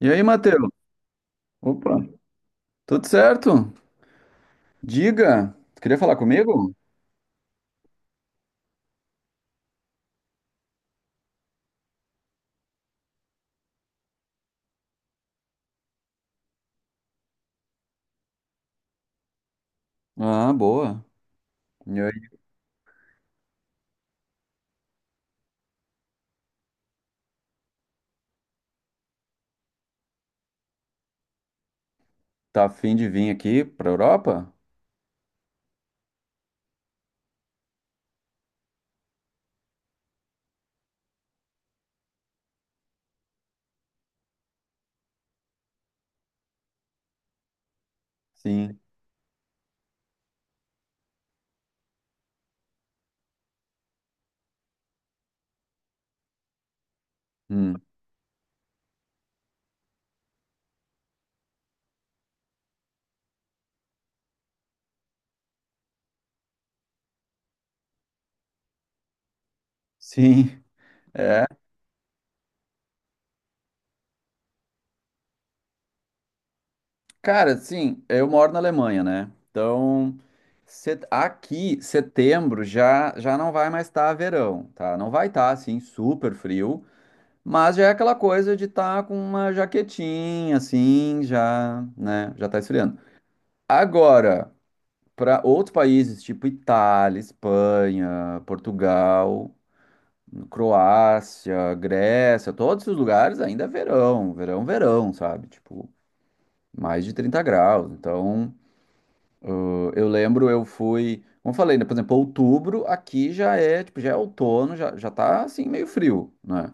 E aí, Matheus? Opa, tudo certo? Diga, tu queria falar comigo? Ah, boa. E aí, tá afim de vir aqui pra Europa? Sim. Hum. Sim. É. Cara, sim, eu moro na Alemanha, né? Então, aqui, setembro, já não vai mais estar verão, tá? Não vai estar, assim, super frio, mas já é aquela coisa de estar com uma jaquetinha, assim, já, né? Já tá esfriando. Agora, para outros países, tipo Itália, Espanha, Portugal, Croácia, Grécia, todos os lugares ainda é verão, verão, verão, sabe? Tipo, mais de 30 graus. Então, eu lembro, eu fui, como eu falei, né? Por exemplo, outubro aqui já é, tipo, já é outono, já tá assim meio frio, né?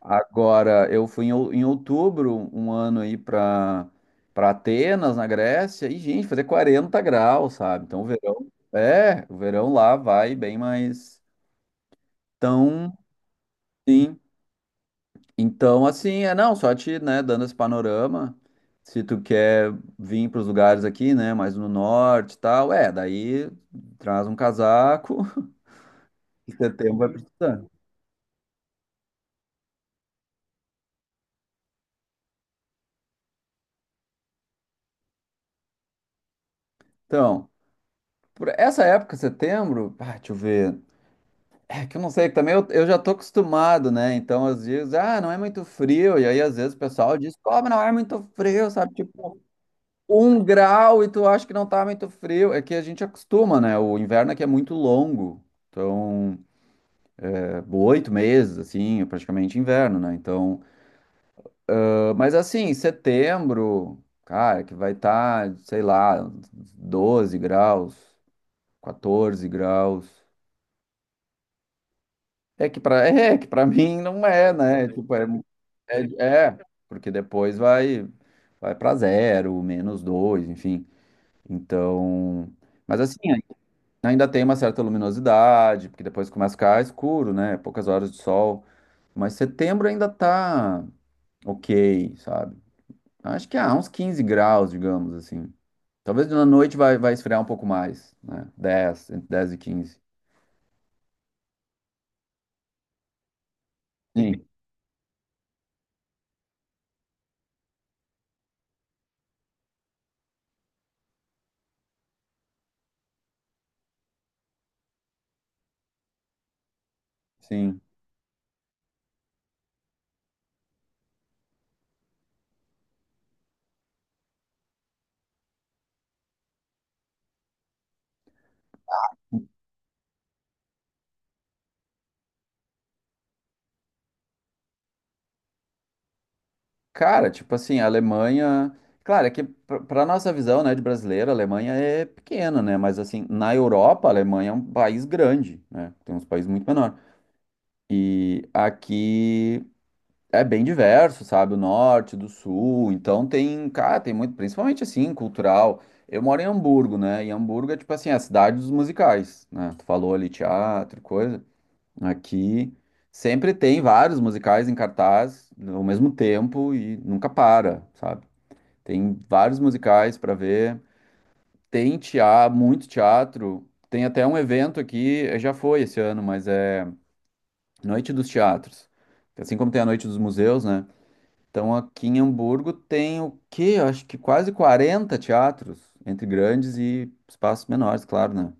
Agora, eu fui em, em outubro, um ano aí para para Atenas, na Grécia, e, gente, fazer 40 graus, sabe? Então, o verão, é, o verão lá vai bem mais tão, sim. Então, assim, é, não, só te, né, dando esse panorama, se tu quer vir para os lugares aqui, né, mais no norte e tal, é, daí traz um casaco, em setembro vai precisar. Então, por essa época, setembro, ah, deixa eu ver. É que eu não sei, que também eu, já tô acostumado, né? Então, às vezes, ah, não é muito frio. E aí, às vezes, o pessoal diz, pô, mas não é muito frio, sabe? Tipo, um grau e tu acha que não tá muito frio. É que a gente acostuma, né? O inverno aqui é muito longo. Então, é, 8 meses, assim, é praticamente inverno, né? Então, ah, mas assim, setembro, cara, que vai estar, sei lá, 12 graus, 14 graus. É que para mim não é, né? Tipo, é, é, é, porque depois vai para zero, menos dois, enfim. Então, mas assim, ainda tem uma certa luminosidade, porque depois começa a ficar escuro, né? Poucas horas de sol. Mas setembro ainda tá ok, sabe? Acho que há uns 15 graus, digamos assim. Talvez na noite vai esfriar um pouco mais, né? 10, entre 10 e 15 Sim, sim. Cara, tipo assim, a Alemanha. Claro, é que pra nossa visão, né, de brasileiro, a Alemanha é pequena, né? Mas assim, na Europa, a Alemanha é um país grande, né? Tem uns países muito menores. E aqui é bem diverso, sabe? O norte, do sul. Então tem, cara, tem muito, principalmente assim, cultural. Eu moro em Hamburgo, né? E Hamburgo é tipo assim, a cidade dos musicais, né? Tu falou ali teatro, e coisa. Aqui sempre tem vários musicais em cartaz ao mesmo tempo e nunca para, sabe? Tem vários musicais para ver. Tem teatro, muito teatro. Tem até um evento aqui, já foi esse ano, mas é Noite dos Teatros. Assim como tem a Noite dos Museus, né? Então aqui em Hamburgo tem o quê? Eu acho que quase 40 teatros, entre grandes e espaços menores, claro, né?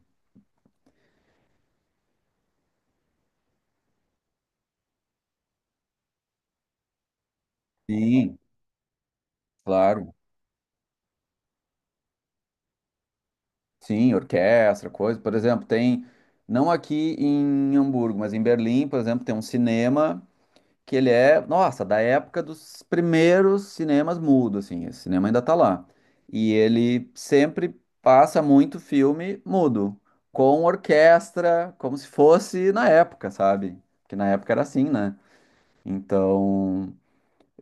Sim, claro. Sim, orquestra, coisa. Por exemplo, tem, não aqui em Hamburgo, mas em Berlim, por exemplo, tem um cinema que ele é, nossa, da época dos primeiros cinemas mudo, assim, esse cinema ainda tá lá. E ele sempre passa muito filme mudo, com orquestra, como se fosse na época, sabe? Porque na época era assim, né? Então,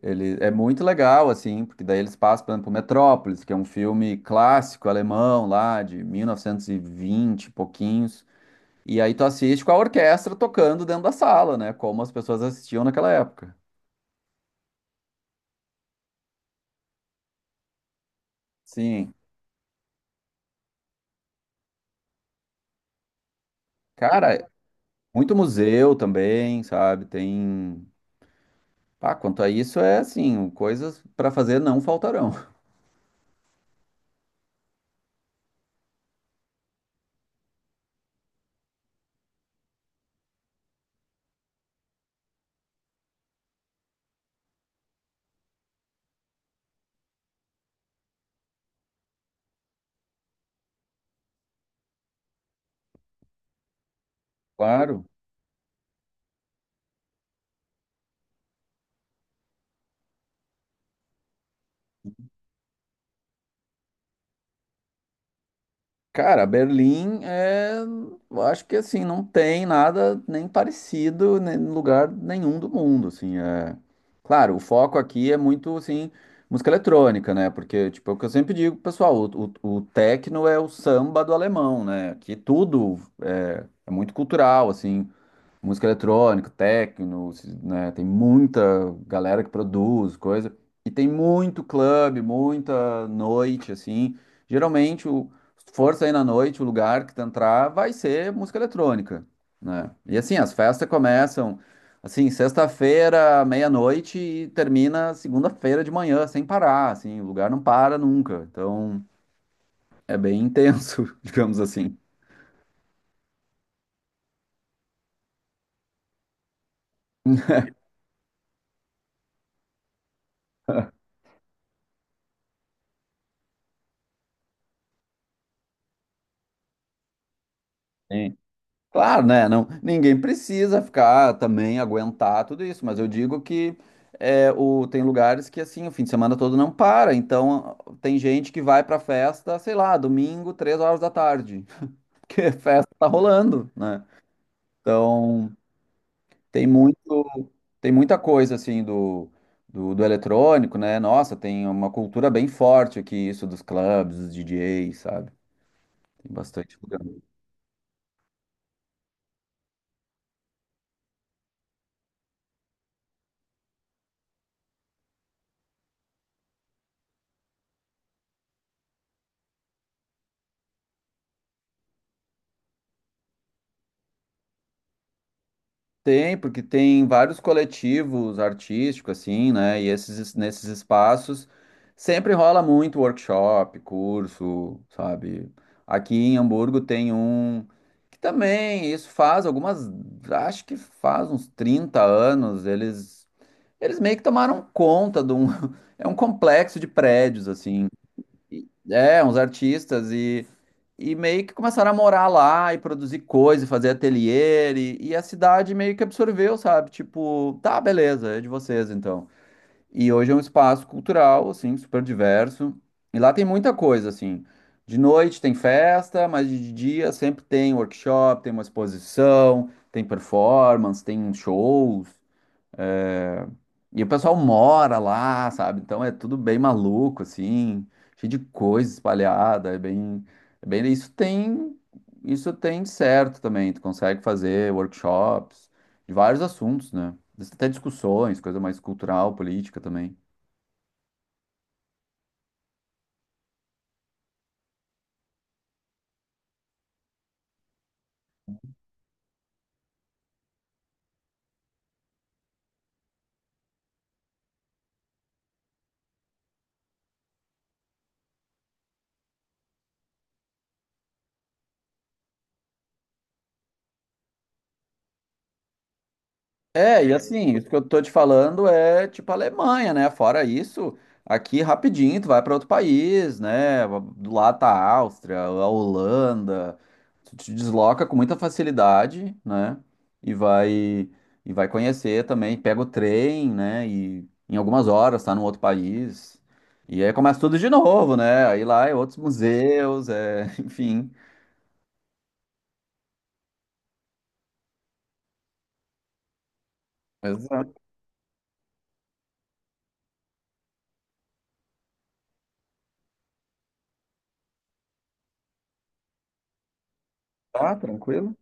ele é muito legal, assim, porque daí eles passam, por exemplo, Metrópolis, que é um filme clássico alemão lá, de 1920 e vinte e pouquinhos. E aí tu assiste com a orquestra tocando dentro da sala, né? Como as pessoas assistiam naquela época. Sim. Cara, muito museu também, sabe? Tem. Ah, quanto a isso, é assim, coisas para fazer não faltarão, claro. Cara, Berlim é. Eu acho que assim, não tem nada nem parecido em lugar nenhum do mundo, assim. É... Claro, o foco aqui é muito, assim, música eletrônica, né? Porque, tipo, é o que eu sempre digo, pessoal, o techno é o samba do alemão, né? Aqui tudo é, é muito cultural, assim. Música eletrônica, techno, né? Tem muita galera que produz coisa. E tem muito clube, muita noite, assim. Geralmente, o, se for sair na noite, o lugar que tu entrar vai ser música eletrônica, né? E assim, as festas começam, assim, sexta-feira, meia-noite e termina segunda-feira de manhã, sem parar, assim. O lugar não para nunca. Então, é bem intenso, digamos assim. Claro, né? Não, ninguém precisa ficar também aguentar tudo isso, mas eu digo que é, o, tem lugares que assim o fim de semana todo não para, então tem gente que vai pra festa, sei lá, domingo, 3 horas da tarde, porque a festa tá rolando, né? Então tem muito, tem muita coisa assim do eletrônico, né? Nossa, tem uma cultura bem forte aqui, isso dos clubes, dos DJs, sabe? Tem bastante lugar. Tem, porque tem vários coletivos artísticos, assim, né? E esses, nesses espaços sempre rola muito workshop, curso, sabe? Aqui em Hamburgo tem um que também isso faz algumas, acho que faz uns 30 anos, eles, eles meio que tomaram conta de um, é um complexo de prédios, assim. É, uns artistas e meio que começaram a morar lá e produzir coisa, e fazer ateliê, e a cidade meio que absorveu, sabe? Tipo, tá, beleza, é de vocês então. E hoje é um espaço cultural, assim, super diverso. E lá tem muita coisa, assim. De noite tem festa, mas de dia sempre tem workshop, tem uma exposição, tem performance, tem shows. É, e o pessoal mora lá, sabe? Então é tudo bem maluco, assim, cheio de coisa espalhada, é bem, isso tem certo também. Tu consegue fazer workshops de vários assuntos, né? Até discussões, coisa mais cultural, política também. É, e assim, isso que eu tô te falando é tipo Alemanha, né? Fora isso, aqui rapidinho tu vai para outro país, né? Do lado tá a Áustria, a Holanda. Tu te desloca com muita facilidade, né? E vai e vai conhecer também, pega o trem, né? E em algumas horas tá num outro país. E aí começa tudo de novo, né? Aí lá é outros museus, é, enfim. Exato. Tá, tranquilo.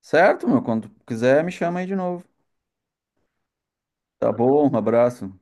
Certo, meu, quando tu quiser me chama aí de novo. Tá bom, um abraço.